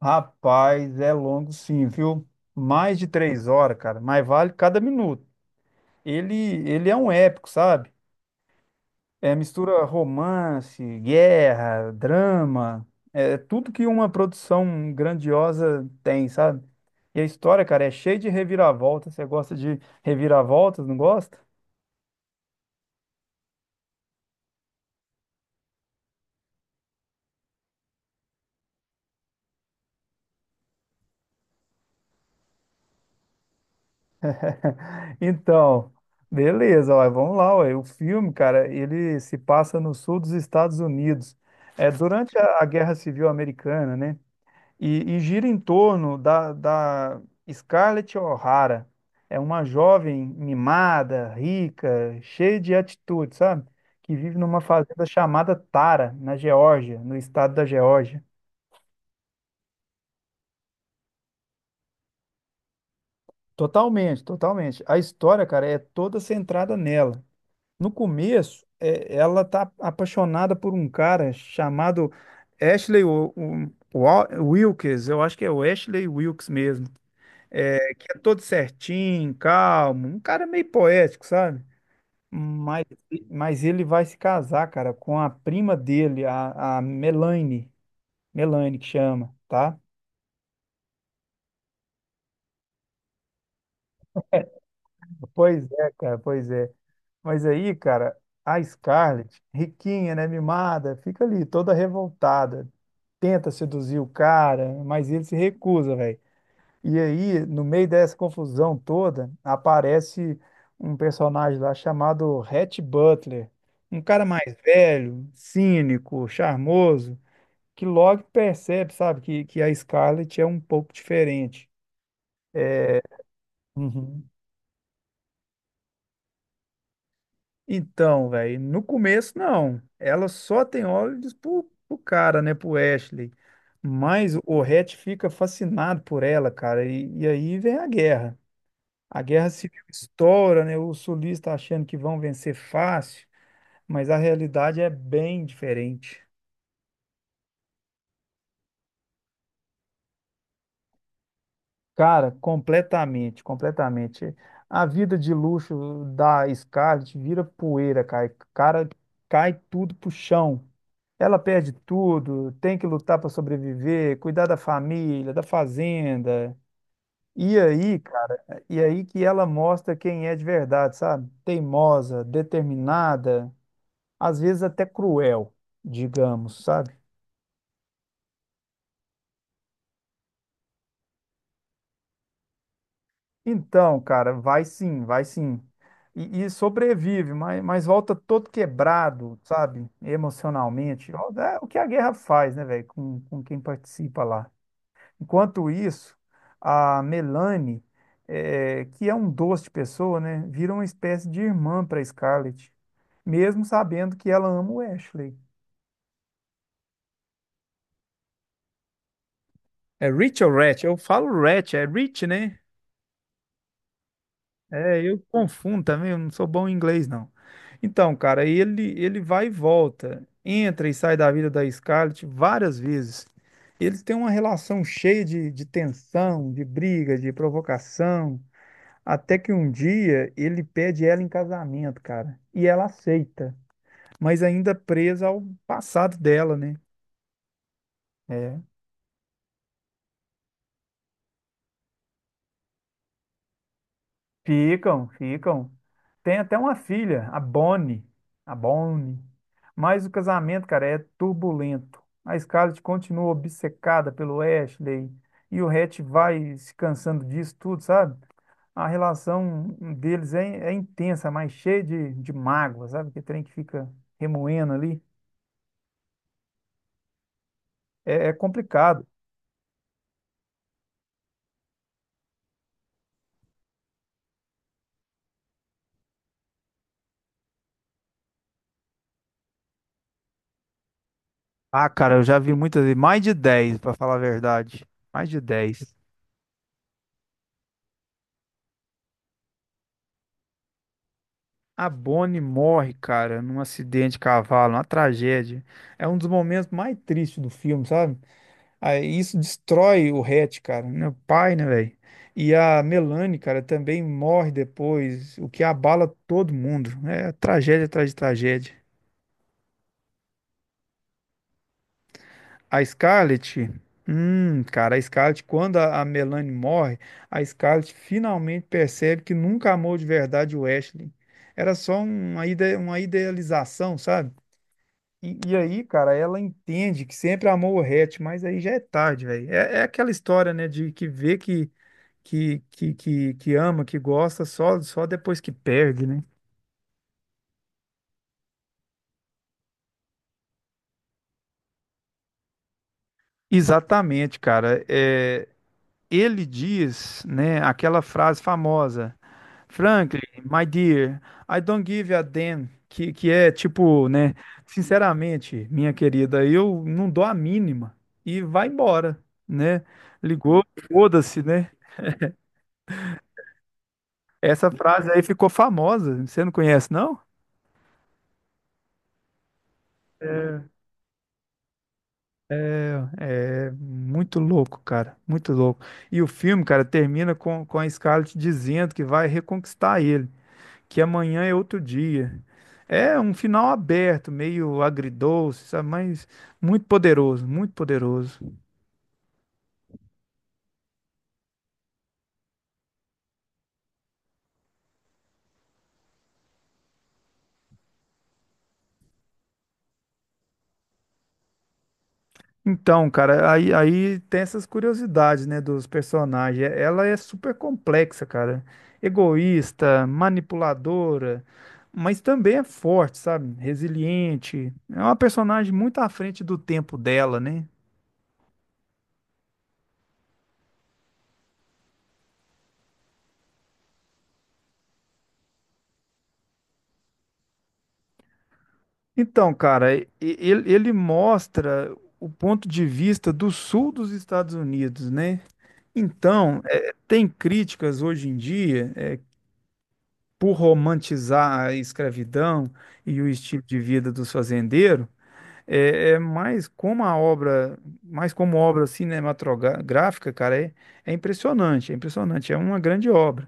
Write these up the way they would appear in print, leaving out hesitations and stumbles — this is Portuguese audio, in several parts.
Rapaz, é longo sim, viu? Mais de 3 horas, cara, mas vale cada minuto. Ele, ele é um épico, sabe? É mistura romance, guerra, drama, é tudo que uma produção grandiosa tem, sabe? E a história, cara, é cheia de reviravoltas. Você gosta de reviravoltas, não gosta? Então, beleza, ó, vamos lá, ó. O filme, cara, ele se passa no sul dos Estados Unidos. É durante a Guerra Civil Americana, né? E gira em torno da Scarlett O'Hara. É uma jovem mimada, rica, cheia de atitude, sabe? Que vive numa fazenda chamada Tara, na Geórgia, no estado da Geórgia. Totalmente, totalmente. A história, cara, é toda centrada nela. No começo, é, ela tá apaixonada por um cara chamado Ashley Wilkes, eu acho que é o Ashley Wilkes mesmo. É, que é todo certinho, calmo, um cara meio poético, sabe? Mas, mas ele vai se casar, cara, com a prima dele, a Melanie, Melanie que chama, tá? Pois é, cara, pois é. Mas aí, cara, a Scarlett, riquinha, né, mimada, fica ali toda revoltada, tenta seduzir o cara, mas ele se recusa, velho. E aí, no meio dessa confusão toda, aparece um personagem lá chamado Rhett Butler, um cara mais velho, cínico, charmoso, que logo percebe, sabe, que a Scarlett é um pouco diferente. Uhum. Então, velho, no começo não. Ela só tem olhos pro cara, né, pro Ashley. Mas o Rhett fica fascinado por ela, cara, e aí vem a guerra. A guerra civil estoura, né? Os sulistas tá achando que vão vencer fácil, mas a realidade é bem diferente. Cara, completamente, completamente. A vida de luxo da Scarlett vira poeira, cara. Cara, cai tudo pro chão. Ela perde tudo, tem que lutar para sobreviver, cuidar da família, da fazenda. E aí, cara, e aí que ela mostra quem é de verdade, sabe? Teimosa, determinada. Às vezes até cruel, digamos, sabe? Então, cara, vai sim, vai sim. E sobrevive, mas volta todo quebrado, sabe? Emocionalmente. Ó, é o que a guerra faz, né, velho? Com quem participa lá. Enquanto isso, a Melanie, é, que é um doce de pessoa, né? Vira uma espécie de irmã para Scarlett, mesmo sabendo que ela ama o Ashley. É Rich ou Ratch? Eu falo Ratch, é Rich, né? É, eu confundo também, eu não sou bom em inglês, não. Então, cara, ele vai e volta, entra e sai da vida da Scarlett várias vezes. Eles têm uma relação cheia de tensão, de briga, de provocação, até que um dia ele pede ela em casamento, cara, e ela aceita, mas ainda presa ao passado dela, né? É, ficam, ficam. Tem até uma filha, a Bonnie. A Bonnie. Mas o casamento, cara, é turbulento. A Scarlett continua obcecada pelo Ashley e o Hatch vai se cansando disso tudo, sabe? A relação deles é intensa, mas cheia de mágoa, sabe? Que trem que fica remoendo ali. É, é complicado. Ah, cara, eu já vi muitas vezes, mais de 10, pra falar a verdade. Mais de 10. A Bonnie morre, cara, num acidente de cavalo, uma tragédia. É um dos momentos mais tristes do filme, sabe? Aí isso destrói o Hatch, cara, meu pai, né, velho? E a Melanie, cara, também morre depois, o que abala todo mundo. É tragédia atrás de tragédia. A Scarlett, cara, a Scarlett, quando a Melanie morre, a Scarlett finalmente percebe que nunca amou de verdade o Ashley. Era só uma idealização, sabe? E aí, cara, ela entende que sempre amou o Hatch, mas aí já é tarde, velho. É, é aquela história, né, de que vê que, que ama, que gosta, só depois que perde, né? Exatamente, cara. É, ele diz, né, aquela frase famosa, Franklin, my dear, I don't give a damn, que é tipo, né, sinceramente, minha querida, eu não dou a mínima. E vai embora, né? Ligou, foda-se, né? Essa frase aí ficou famosa. Você não conhece, não? É muito louco, cara. Muito louco. E o filme, cara, termina com a Scarlett dizendo que vai reconquistar ele, que amanhã é outro dia. É um final aberto, meio agridoce, sabe? Mas muito poderoso, muito poderoso. Então, cara, aí, aí tem essas curiosidades, né, dos personagens. É, ela é super complexa, cara. Egoísta, manipuladora, mas também é forte, sabe? Resiliente. É uma personagem muito à frente do tempo dela, né? Então, cara, ele mostra o ponto de vista do sul dos Estados Unidos, né? Então, é, tem críticas hoje em dia, é, por romantizar a escravidão e o estilo de vida dos fazendeiros. É, é mais como a obra, mais como obra cinematográfica, cara, é, é impressionante, é impressionante, é uma grande obra.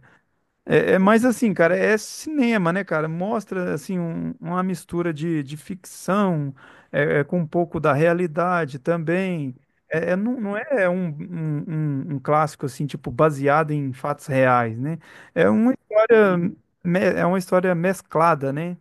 É, é mais assim, cara, é cinema, né, cara? Mostra, assim, uma mistura de ficção é, é, com um pouco da realidade também. É, é não, não é um, um, um clássico, assim, tipo, baseado em fatos reais, né? É uma história, é uma história mesclada, né?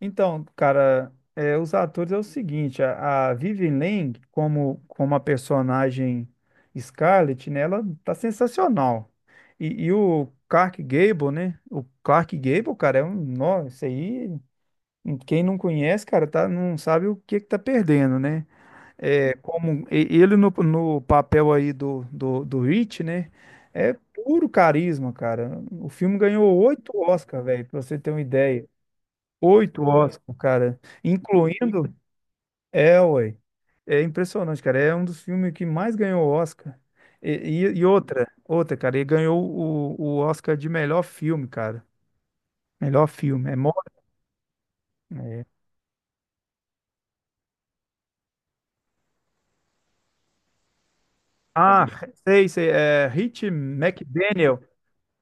Então, cara, é, os atores é o seguinte, a Vivien Leigh, como, como a personagem Scarlett, né, ela tá sensacional. E o Clark Gable, né, o Clark Gable, cara, é um, nossa, isso aí, quem não conhece, cara, tá, não sabe o que que tá perdendo, né? É, como ele no, no papel aí do, do Rich, né, é puro carisma, cara. O filme ganhou 8 Oscar, velho, pra você ter uma ideia. 8 Oscar, cara. Incluindo. É, ué. É impressionante, cara. É um dos filmes que mais ganhou Oscar. E outra, outra, cara. Ele ganhou o Oscar de melhor filme, cara. Melhor filme. É, mó- é. Ah, sei, sei. É Rich McDaniel.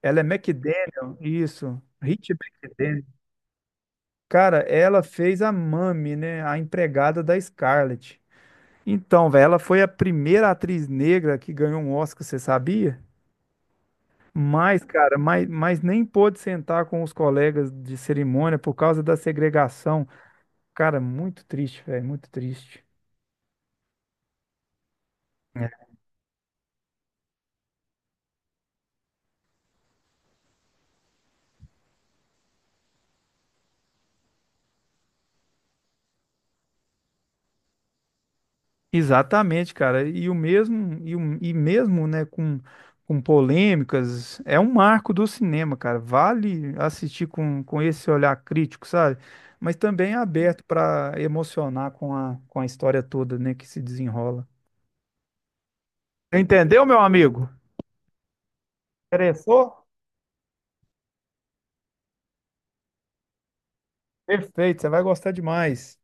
Ela é McDaniel, isso. Rich McDaniel. Cara, ela fez a Mami, né? A empregada da Scarlett. Então, velho, ela foi a primeira atriz negra que ganhou um Oscar, você sabia? Mas, cara, mas nem pôde sentar com os colegas de cerimônia por causa da segregação. Cara, muito triste, velho, muito triste. É. Exatamente, cara. E o mesmo, e, e mesmo, né, com polêmicas, é um marco do cinema, cara. Vale assistir com esse olhar crítico, sabe? Mas também é aberto para emocionar com a história toda, né, que se desenrola. Entendeu, meu amigo? Interessou? Perfeito, você vai gostar demais.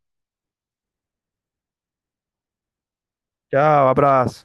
Tchau, abraço.